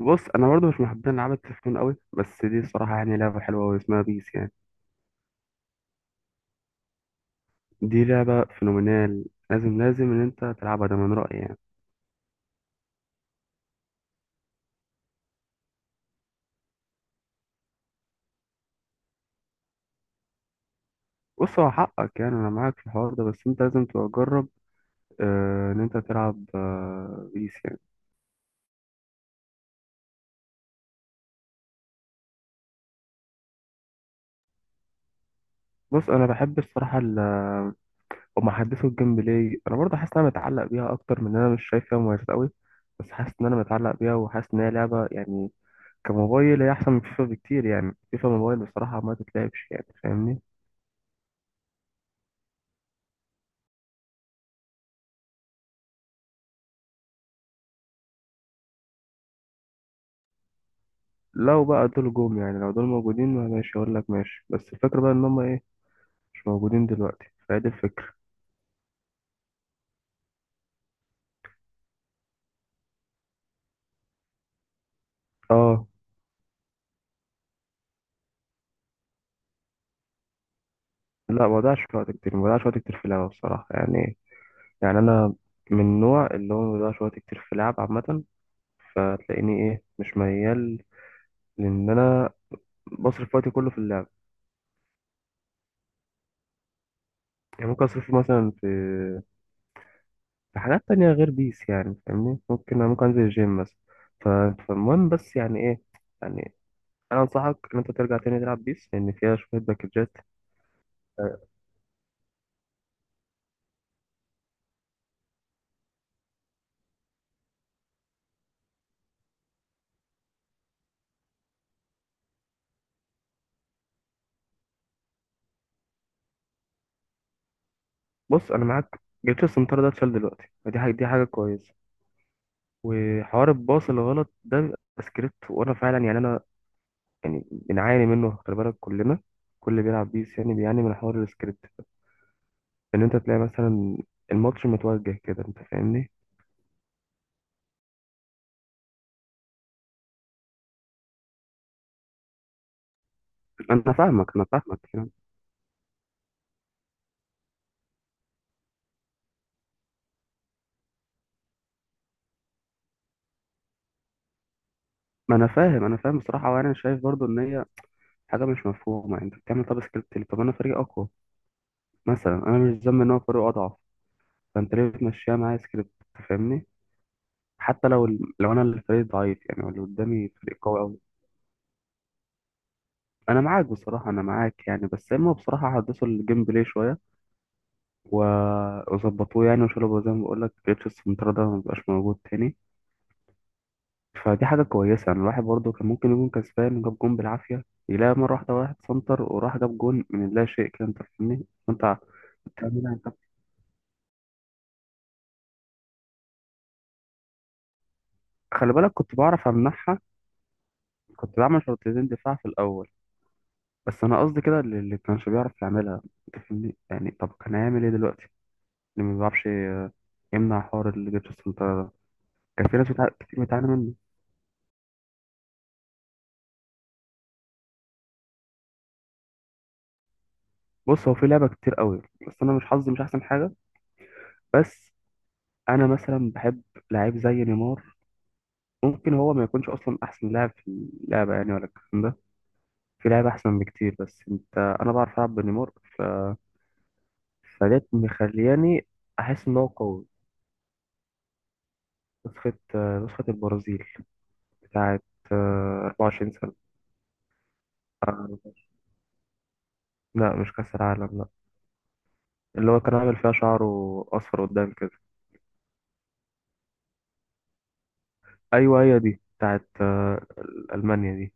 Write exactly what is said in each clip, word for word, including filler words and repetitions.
بص انا برضه مش من محبين العاب التليفون قوي، بس دي الصراحه يعني لعبه حلوه قوي، اسمها بيس يعني. دي لعبه فينومينال. لازم لازم ان انت تلعبها، ده من رايي يعني. بص هو حقك، يعني انا معاك في الحوار ده، بس انت لازم تبقى تجرب آه، ان انت تلعب آه، بيس يعني. بص انا بحب الصراحه ال- هما حدثوا الجيم بلاي، انا برضه حاسس ان انا متعلق بيها اكتر من ان انا مش شايف فيها مميزات قوي، بس حاسس ان انا متعلق بيها، وحاسس ان هي لعبه يعني كموبايل هي احسن من فيفا بكتير. يعني فيفا موبايل بصراحه ما تتلعبش، يعني فاهمني. لو بقى دول جم، يعني لو دول موجودين، ما ماشي اقول لك ماشي، بس الفكرة بقى ان هم ايه، مش موجودين دلوقتي، فهي دي الفكرة. اه، لا ما بضيعش وقت كتير، ما بضيعش وقت كتير في اللعبة بصراحة يعني. يعني انا من النوع اللي هو ما بضيعش وقت كتير في اللعب عامة، فتلاقيني ايه، مش ميال، لان انا بصرف وقتي كله في اللعب. يعني ممكن اصرفه مثلا في في حاجات تانية غير بيس، يعني فاهمني. ممكن ممكن انزل الجيم مثلا، ف- فالمهم بس يعني ايه، يعني انا انصحك ان انت ترجع تاني تلعب بيس، لان فيها شوية باكجات. آه، بص انا معاك، جبت السنتر ده اتشال دلوقتي، فدي حاجه، دي حاجه كويسه. وحوار الباص الغلط ده بيبقى سكريبت، وانا فعلا يعني انا يعني بنعاني منه، خلي بالك كلنا، كل اللي بيلعب بيس يعني بيعاني من حوار السكريبت. ان انت تلاقي مثلا الماتش متوجه كده، انت فاهمني. انا فاهمك انا فاهمك يعني. ما انا فاهم انا فاهم بصراحه، وانا شايف برضو ان هي حاجه مش مفهومه. يعني انت بتعمل طب سكريبت ليه؟ طب انا فريق اقوى مثلا، انا مش ذنبي ان هو فريق اضعف. فانت ليه بتمشيها معايا سكريبت؟ أنت فاهمني. حتى لو ال- لو انا الفريق ضعيف يعني، واللي قدامي فريق قوي قوي. انا معاك بصراحه، انا معاك يعني، بس اما بصراحه احدثوا الجيم بلاي شويه و- وظبطوه يعني، وشالوا زي ما بقول لك جيتش السنتر ده، ما بقاش موجود تاني، فدي حاجه كويسه. يعني الواحد برضه كان ممكن يكون كسبان، جاب جون بالعافيه، يلاقي مره واحده واحد سنتر وراح جاب جون من لا شيء كده، انت فاهمني. انت بتعملها انت. خلي بالك كنت بعرف امنعها، كنت بعمل شوطتين دفاع في الاول، بس انا قصدي كده اللي اللي كانش بيعرف يعملها، انت فاهمني. يعني طب كان هيعمل ايه دلوقتي اللي ما بيعرفش ي- يمنع حوار الجيتش السنتر ده؟ كان في ناس بتع... كتير بتعاني منه. بص هو في لعبة كتير قوي، بس أنا مش حظي مش أحسن حاجة. بس أنا مثلا بحب لعيب زي نيمار. ممكن هو ما يكونش أصلا أحسن لاعب في اللعبة يعني، ولا الكلام ده. في لعيبة أحسن بكتير، بس أنت، أنا بعرف ألعب بنيمار، ف... فديت مخلياني أحس إن هو قوي. نسخة آه، نسخة البرازيل، بتاعة 24 سنة. آه، لا مش كأس العالم، لا. اللي هو كان عامل فيها شعره أصفر قدام كده. ايوه هي دي بتاعت آه، المانيا دي.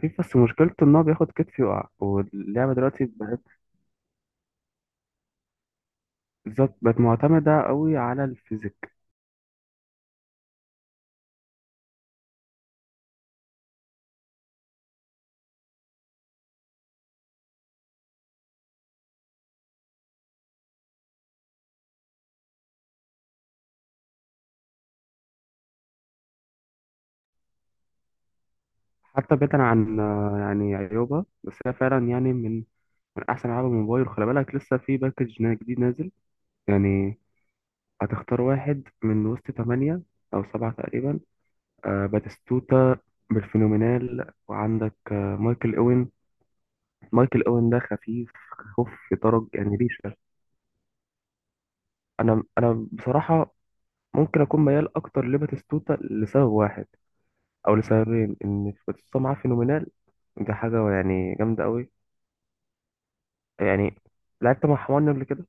في بس مشكلته ان هو بياخد كتف يقع، واللعبه دلوقتي بقت بالظبط، بقت معتمده قوي على الفيزيك. حتى بعيدا عن آه، يعني عيوبها، بس هي فعلا يعني من من احسن العاب الموبايل. خلي بالك لسه في باكج نا- جديد نازل يعني، هتختار واحد من وسط ثمانية او سبعة تقريبا. آه، باتيستوتا بالفينومينال، وعندك آه، مايكل اوين. مايكل اوين ده خفيف، خف في درج يعني ريشه. انا انا بصراحه ممكن اكون ميال اكتر لباتيستوتا لسبب واحد، او لسببين، ان باتيستوتا معاه فينومينال، دي حاجه يعني جامده قوي. يعني لعبت مع حماني قبل كده،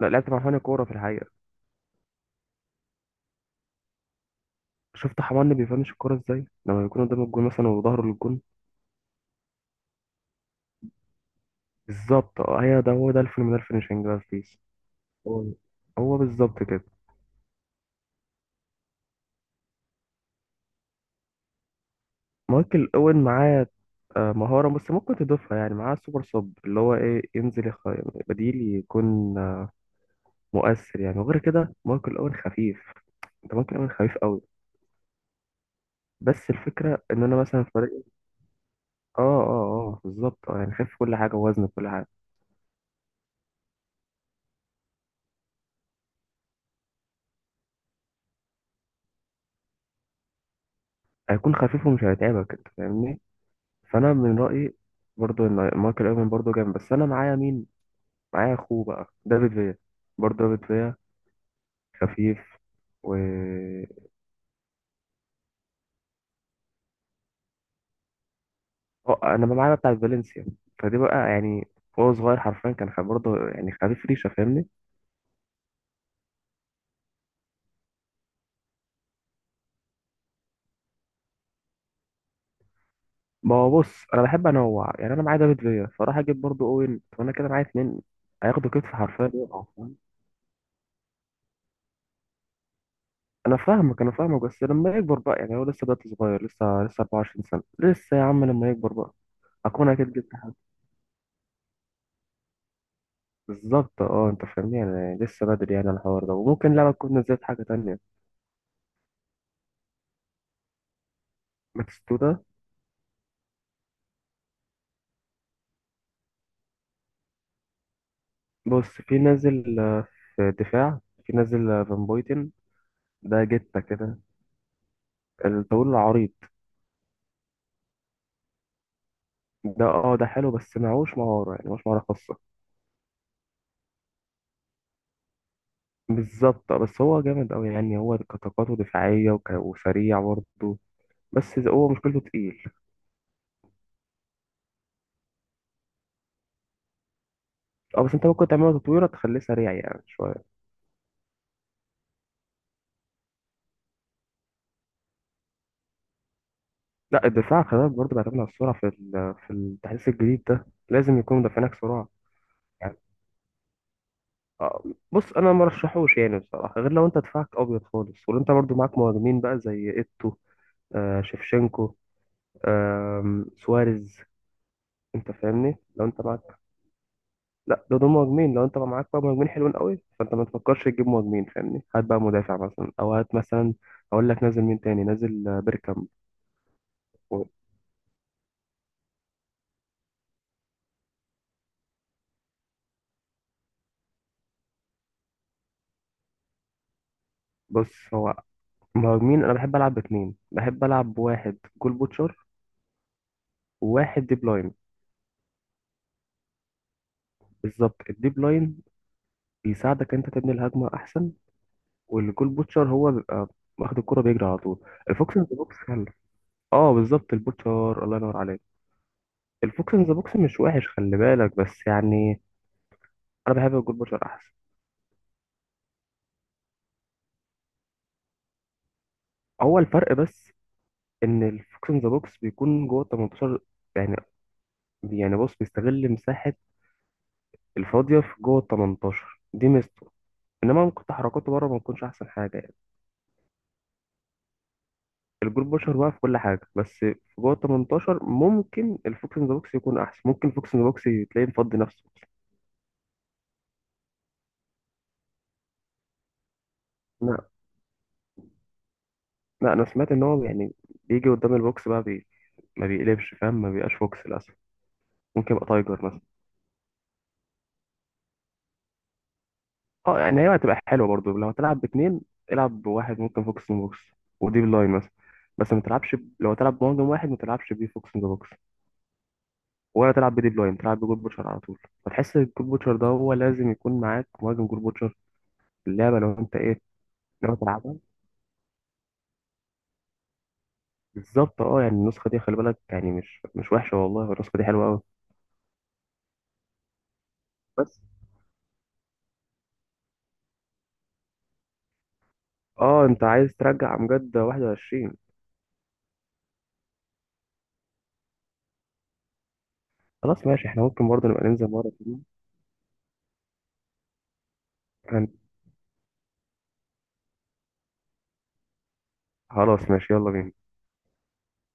لا لعبت مع حماني كوره في الحقيقه. شفت حماني بيفنش الكوره ازاي لما يكون قدام الجون مثلا وظهره للجون؟ بالظبط، اه هي ده، هو ده الفينومينال فينيشنج بقى في بيس. هو هو بالظبط كده. مايكل اوين معاه آه، مهارة بس ممكن تضيفها، يعني معاه سوبر سب، اللي هو ايه، ينزل يخ... بديل، يكون مؤثر يعني. وغير كده ماركو الاول خفيف، انت ممكن الاول خفيف قوي. بس الفكره ان انا مثلا في فريق. اه اه اه بالظبط، اه يعني خفيف في كل حاجه، ووزن في كل حاجه. هيكون خفيف ومش هيتعبك، انت فاهمني. فانا من رايي برضو ان مايكل اوين برضو جامد، بس انا معايا مين، معايا اخوه بقى دافيد فيا. برضو دافيد فيا خفيف و اه انا معايا بتاع فالنسيا، فدي بقى يعني، هو صغير حرفيا كان خ- برضه يعني خفيف ريشه، فاهمني؟ ما هو بص انا بحب انوع، يعني انا معايا دافيد فيا، فراح اجيب برضو اوين، وانا كده معايا اتنين هياخدوا كتف حرفيا يقعوا، فاهم؟ انا فاهمك انا فاهمك، بس لما يكبر بقى يعني، هو لسه دلوقتي صغير، لسه لسه أربعة وعشرين سنة سنه، لسه يا عم لما يكبر بقى اكون اكيد جبت حاجه. بالظبط اه، انت فاهمني يعني لسه بدري يعني على الحوار ده، وممكن لعبه تكون نزلت حاجه تانية. باتيستوتا. بص في نازل آه، في الدفاع، في نازل آه، فان بويتن. ده جته كده الطويل العريض. ده اه ده حلو، بس معهوش مهاره، يعني معهوش مهاره خاصه. بالظبط آه، بس هو جامد قوي، يعني هو كطاقته دفاعية وك- وسريع برضه، بس إذا هو مشكلته تقيل. اه بس انت ممكن تعمله تطويرة تخليه سريع يعني شوية. لا الدفاع خلي بالك برضه بيعتمد على السرعة في ال- في التحديث الجديد ده، لازم يكون مدافعينك سرعة يعني. اه بص انا ما رشحوش يعني بصراحة، غير لو انت دفاعك ابيض خالص، ولو انت برضه معاك مهاجمين بقى زي ايتو، آه شيفشенко، آه سواريز. انت فاهمني لو انت معاك، لا ده دول مهاجمين. لو انت بقى معاك بقى مهاجمين حلوين قوي، فانت ما تفكرش تجيب مهاجمين، فاهمني؟ هات بقى مدافع مثلا، او هات مثلا، اقول لك نازل مين تاني، نازل آه، بيركامب و- بص هو مهاجمين، انا بحب العب باتنين، بحب العب بواحد جول بوتشر وواحد ديب لاين. بالظبط، الديب لاين بيساعدك انت تبني الهجمه احسن، والجول بوتشر هو بيبقى واخد الكرة بيجري على طول. الفوكس ان ذا بوكس حلو، اه بالظبط البوتشر، الله ينور عليك. الفوكس ان ذا بوكس مش وحش خلي بالك، بس يعني انا بحب الجول بوتشر احسن. هو الفرق بس ان الفوكس ان ذا بوكس بيكون جوه ال التمنتاشر يعني. يعني بص بيستغل مساحه الفاضيه في جوه ال التمنتاشر، دي ميزته. انما ممكن تحركاته بره ما تكونش احسن حاجه يعني. الجول بوشر بقى في كل حاجه، بس في جوه ال التمنتاشر ممكن الفوكس ان ذا بوكس يكون احسن، ممكن الفوكس ان ذا بوكس تلاقيه مفضي نفسه. لا لا انا سمعت ان هو يعني بيجي قدام البوكس بقى بي ما بيقلبش، فاهم؟ ما بيبقاش فوكس للاسف، ممكن يبقى تايجر مثلا. اه يعني هي هتبقى حلوه برضو لو هتلعب باتنين. العب بواحد ممكن فوكس ان بوكس وديب لاين مثلا، بس ما تلعبش ب... لو تلعب بمهاجم واحد ما تلعبش بيه فوكس ان بوكس، ولا تلعب بديب لاين، تلعب بجول بوتشر على طول. فتحس الجول بوتشر ده، هو لازم يكون معاك مهاجم جول بوتشر في اللعبه لو انت ايه، لو تلعبها. بالظبط اه، يعني النسخه دي خلي بالك، يعني مش مش وحشه والله، النسخه دي حلوه قوي. بس اه انت عايز ترجع امجد واحد وعشرين. خلاص ماشي، احنا ممكن برضه نبقى ننزل مره. هن- خلاص ماشي يلا بينا.